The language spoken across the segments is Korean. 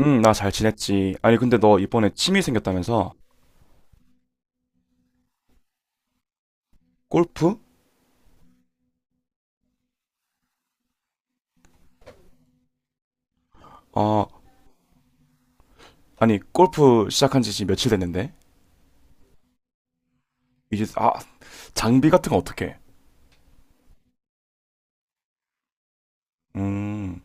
나 잘 지냈지. 아니, 근데 너 이번에 취미 생겼다면서? 골프? 아, 아니, 골프 시작한 지 지금 며칠 됐는데? 이제, 아, 장비 같은 거 어떻게? 음,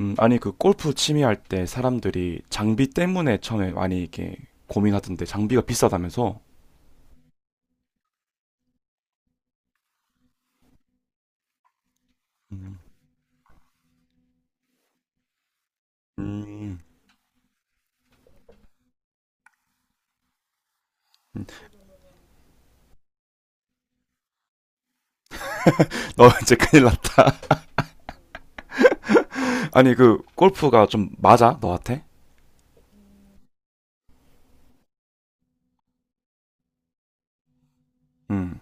아니, 그 골프 취미 할 때 사람들이 장비 때문에 처음에 많이 이렇게 고민하던데, 장비가 비싸다면서? 음, 음, 음. 너 이제 큰일 났다. 아니, 그, 골프가 좀 맞아? 너한테? 음,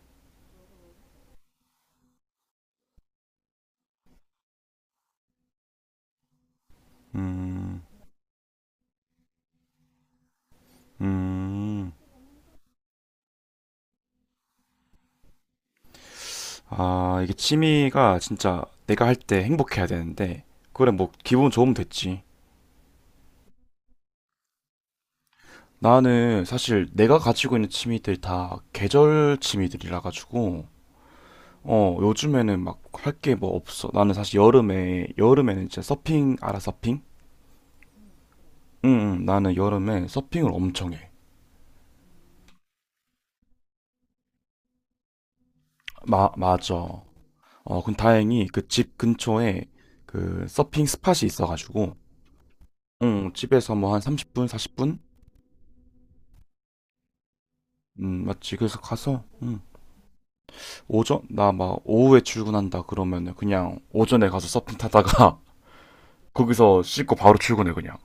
음, 음. 아, 이게 취미가 진짜 내가 할 때 행복해야 되는데, 그래, 뭐, 기분 좋으면 됐지. 나는 사실 내가 가지고 있는 취미들 다 계절 취미들이라 가지고, 어, 요즘에는 막 할 게 뭐 없어. 나는 사실 여름에는 진짜 서핑, 알아, 서핑? 응, 응, 나는 여름에 서핑을 엄청 해. 맞아. 어, 근 다행히 그 집 근처에 그 서핑 스팟이 있어가지고, 응, 집에서 뭐 한 30분, 40분? 맞지. 그래서 가서, 응. 오전 나 막 오후에 출근한다 그러면은 그냥 오전에 가서 서핑 타다가 거기서 씻고 바로 출근해 그냥.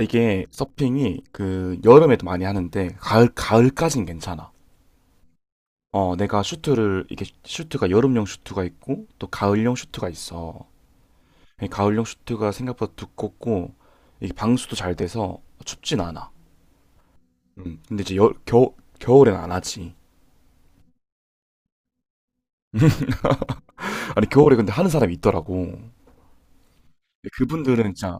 이게 서핑이 그 여름에도 많이 하는데 가을까진 괜찮아. 어 내가 슈트를 이게 슈트가 여름용 슈트가 있고 또 가을용 슈트가 있어. 이 가을용 슈트가 생각보다 두껍고 이게 방수도 잘 돼서 춥진 않아. 근데 이제 겨울엔 안 하지. 아니 겨울에 근데 하는 사람이 있더라고. 근데 그분들은 진짜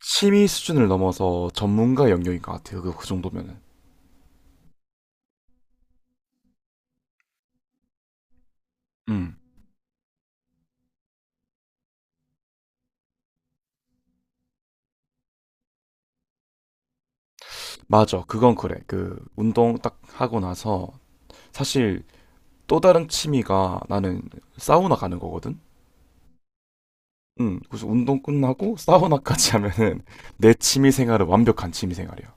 취미 수준을 넘어서 전문가 영역인 것 같아요. 그 정도면은. 음, 맞아. 그건 그래. 그, 운동 딱 하고 나서, 사실 또 다른 취미가 나는 사우나 가는 거거든? 그래서 운동 끝나고 사우나까지 하면은 내 취미 생활은 완벽한 취미 생활이야.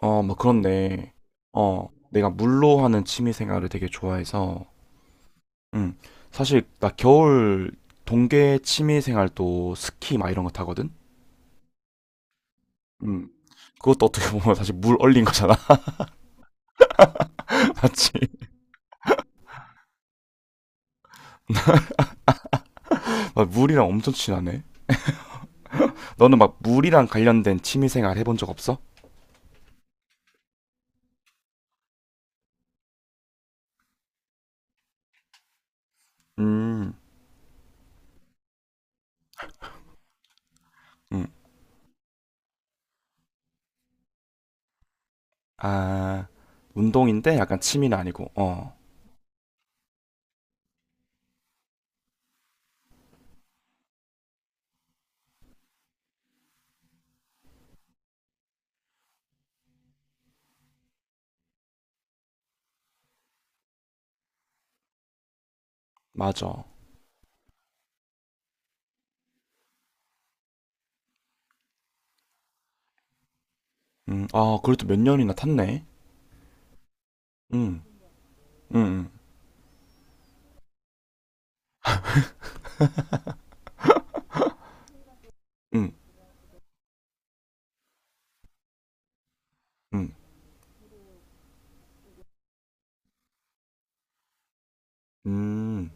어, 뭐 그런데, 어, 내가 물로 하는 취미 생활을 되게 좋아해서, 음, 사실 나 겨울 동계 취미 생활도 스키 막 이런 거 타거든? 음, 그것도 어떻게 보면 사실 물 얼린 거잖아. 맞지? 아, 물이랑 엄청 친하네. 너는 막 물이랑 관련된 취미생활 해본 적 없어? 음, 음. 아, 운동인데 약간 취미는 아니고. 어, 맞아. 아, 그래도 몇 년이나 탔네. 음, 음, 음, 음, 음. 음.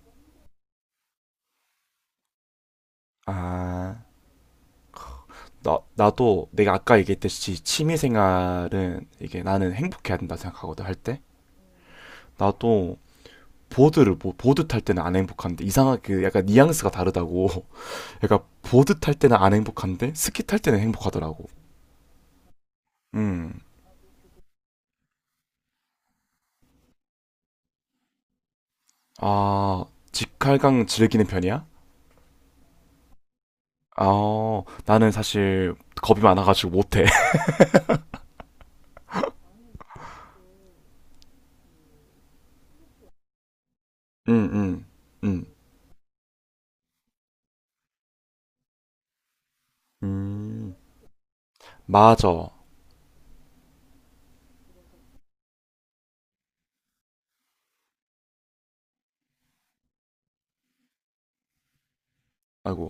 아, 나도 내가 아까 얘기했듯이 취미생활은 이게 나는 행복해야 된다 생각하거든, 할 때. 나도 뭐, 보드 탈 때는 안 행복한데 이상하게 약간 뉘앙스가 다르다고. 그러니까 보드 탈 때는 안 행복한데 스키 탈 때는 행복하더라고. 음. 아, 직할강 즐기는 편이야? 아, 나는 사실 겁이 많아가지고 못해. 음, 음, 음, 음. 맞아. 아이고,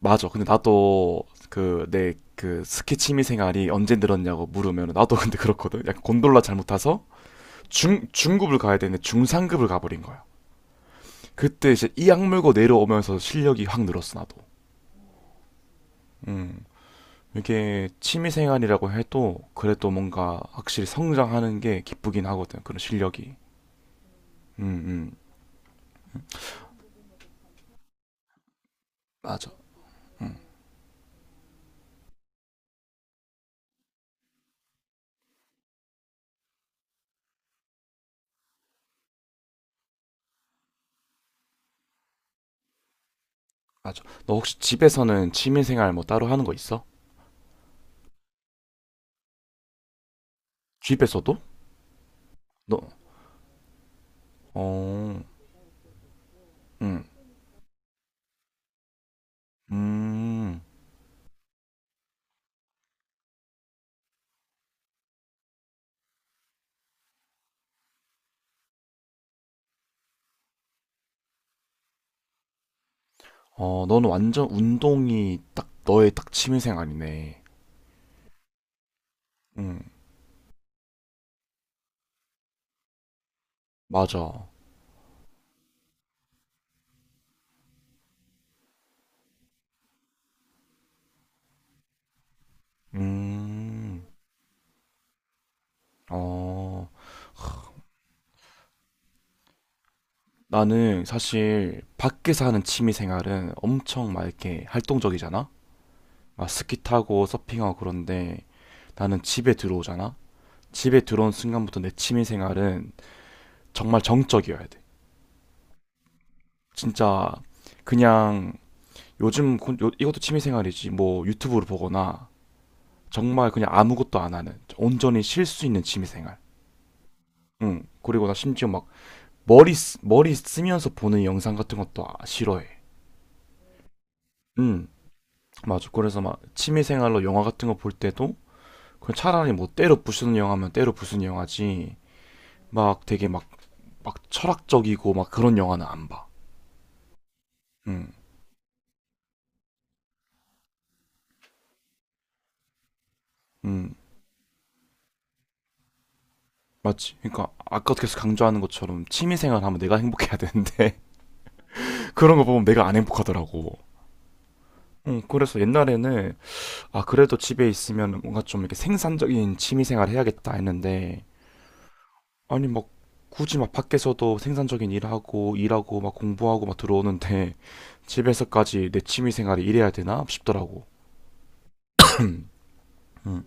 맞아. 근데 나도 그 내 그 스키 취미 생활이 언제 늘었냐고 물으면 나도 근데 그렇거든. 약간 곤돌라 잘못 타서 중 중급을 가야 되는데 중상급을 가버린 거야. 그때 이제 이악 물고 내려오면서 실력이 확 늘었어 나도. 음. 이게 취미생활이라고 해도 그래도 뭔가 확실히 성장하는 게 기쁘긴 하거든. 그런 실력이. 음, 음. 맞아. 음, 맞아. 너 혹시 집에서는 취미생활 뭐 따로 하는 거 있어? 집에서도? 너, 어, 음, 음. 어, 너는 완전 운동이 딱 너의 딱 취미생활이네. 음, 맞아. 음, 어. 나는 사실 밖에서 하는 취미생활은 엄청 막 이렇게 활동적이잖아? 막 스키 타고 서핑하고 그런데 나는 집에 들어오잖아? 집에 들어온 순간부터 내 취미 생활은 정말 정적이어야 돼. 진짜 그냥 요즘 이것도 취미 생활이지. 뭐 유튜브를 보거나 정말 그냥 아무것도 안 하는 온전히 쉴 수 있는 취미 생활. 응. 그리고 나 심지어 막 머리 쓰면서 보는 영상 같은 것도 싫어해. 응. 맞아. 그래서 막 취미 생활로 영화 같은 거 볼 때도 그냥 차라리 뭐 때로 부수는 영화면 때로 부수는 영화지. 막 되게 막 철학적이고 막 그런 영화는 안 봐. 음, 음, 맞지. 그러니까 아까 계속 강조하는 것처럼 취미생활 하면 내가 행복해야 되는데 그런 거 보면 내가 안 행복하더라고. 그래서 옛날에는 아 그래도 집에 있으면 뭔가 좀 이렇게 생산적인 취미생활 해야겠다 했는데 아니 막 굳이 막 밖에서도 생산적인 일하고 일하고 막 공부하고 막 들어오는데 집에서까지 내 취미생활이 이래야 되나 싶더라고. 음,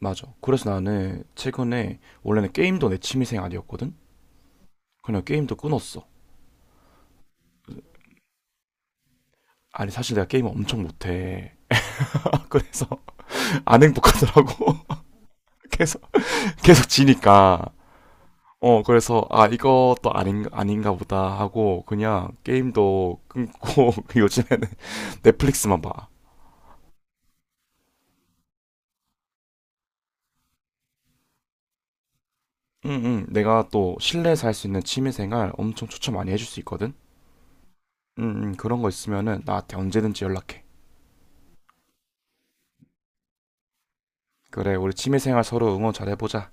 맞아. 그래서 나는 최근에 원래는 게임도 내 취미생활이었거든. 그냥 게임도 끊었어. 아니 사실 내가 게임을 엄청 못해. 그래서 안 행복하더라고. 계속 계속 지니까. 어 그래서 아 이것도 아닌가 보다 하고 그냥 게임도 끊고 요즘에는 넷플릭스만 봐. 응응 내가 또 실내에서 할 수 있는 취미생활 엄청 추천 많이 해줄 수 있거든. 응응 그런 거 있으면은 나한테 언제든지 연락해. 그래 우리 취미생활 서로 응원 잘 해보자.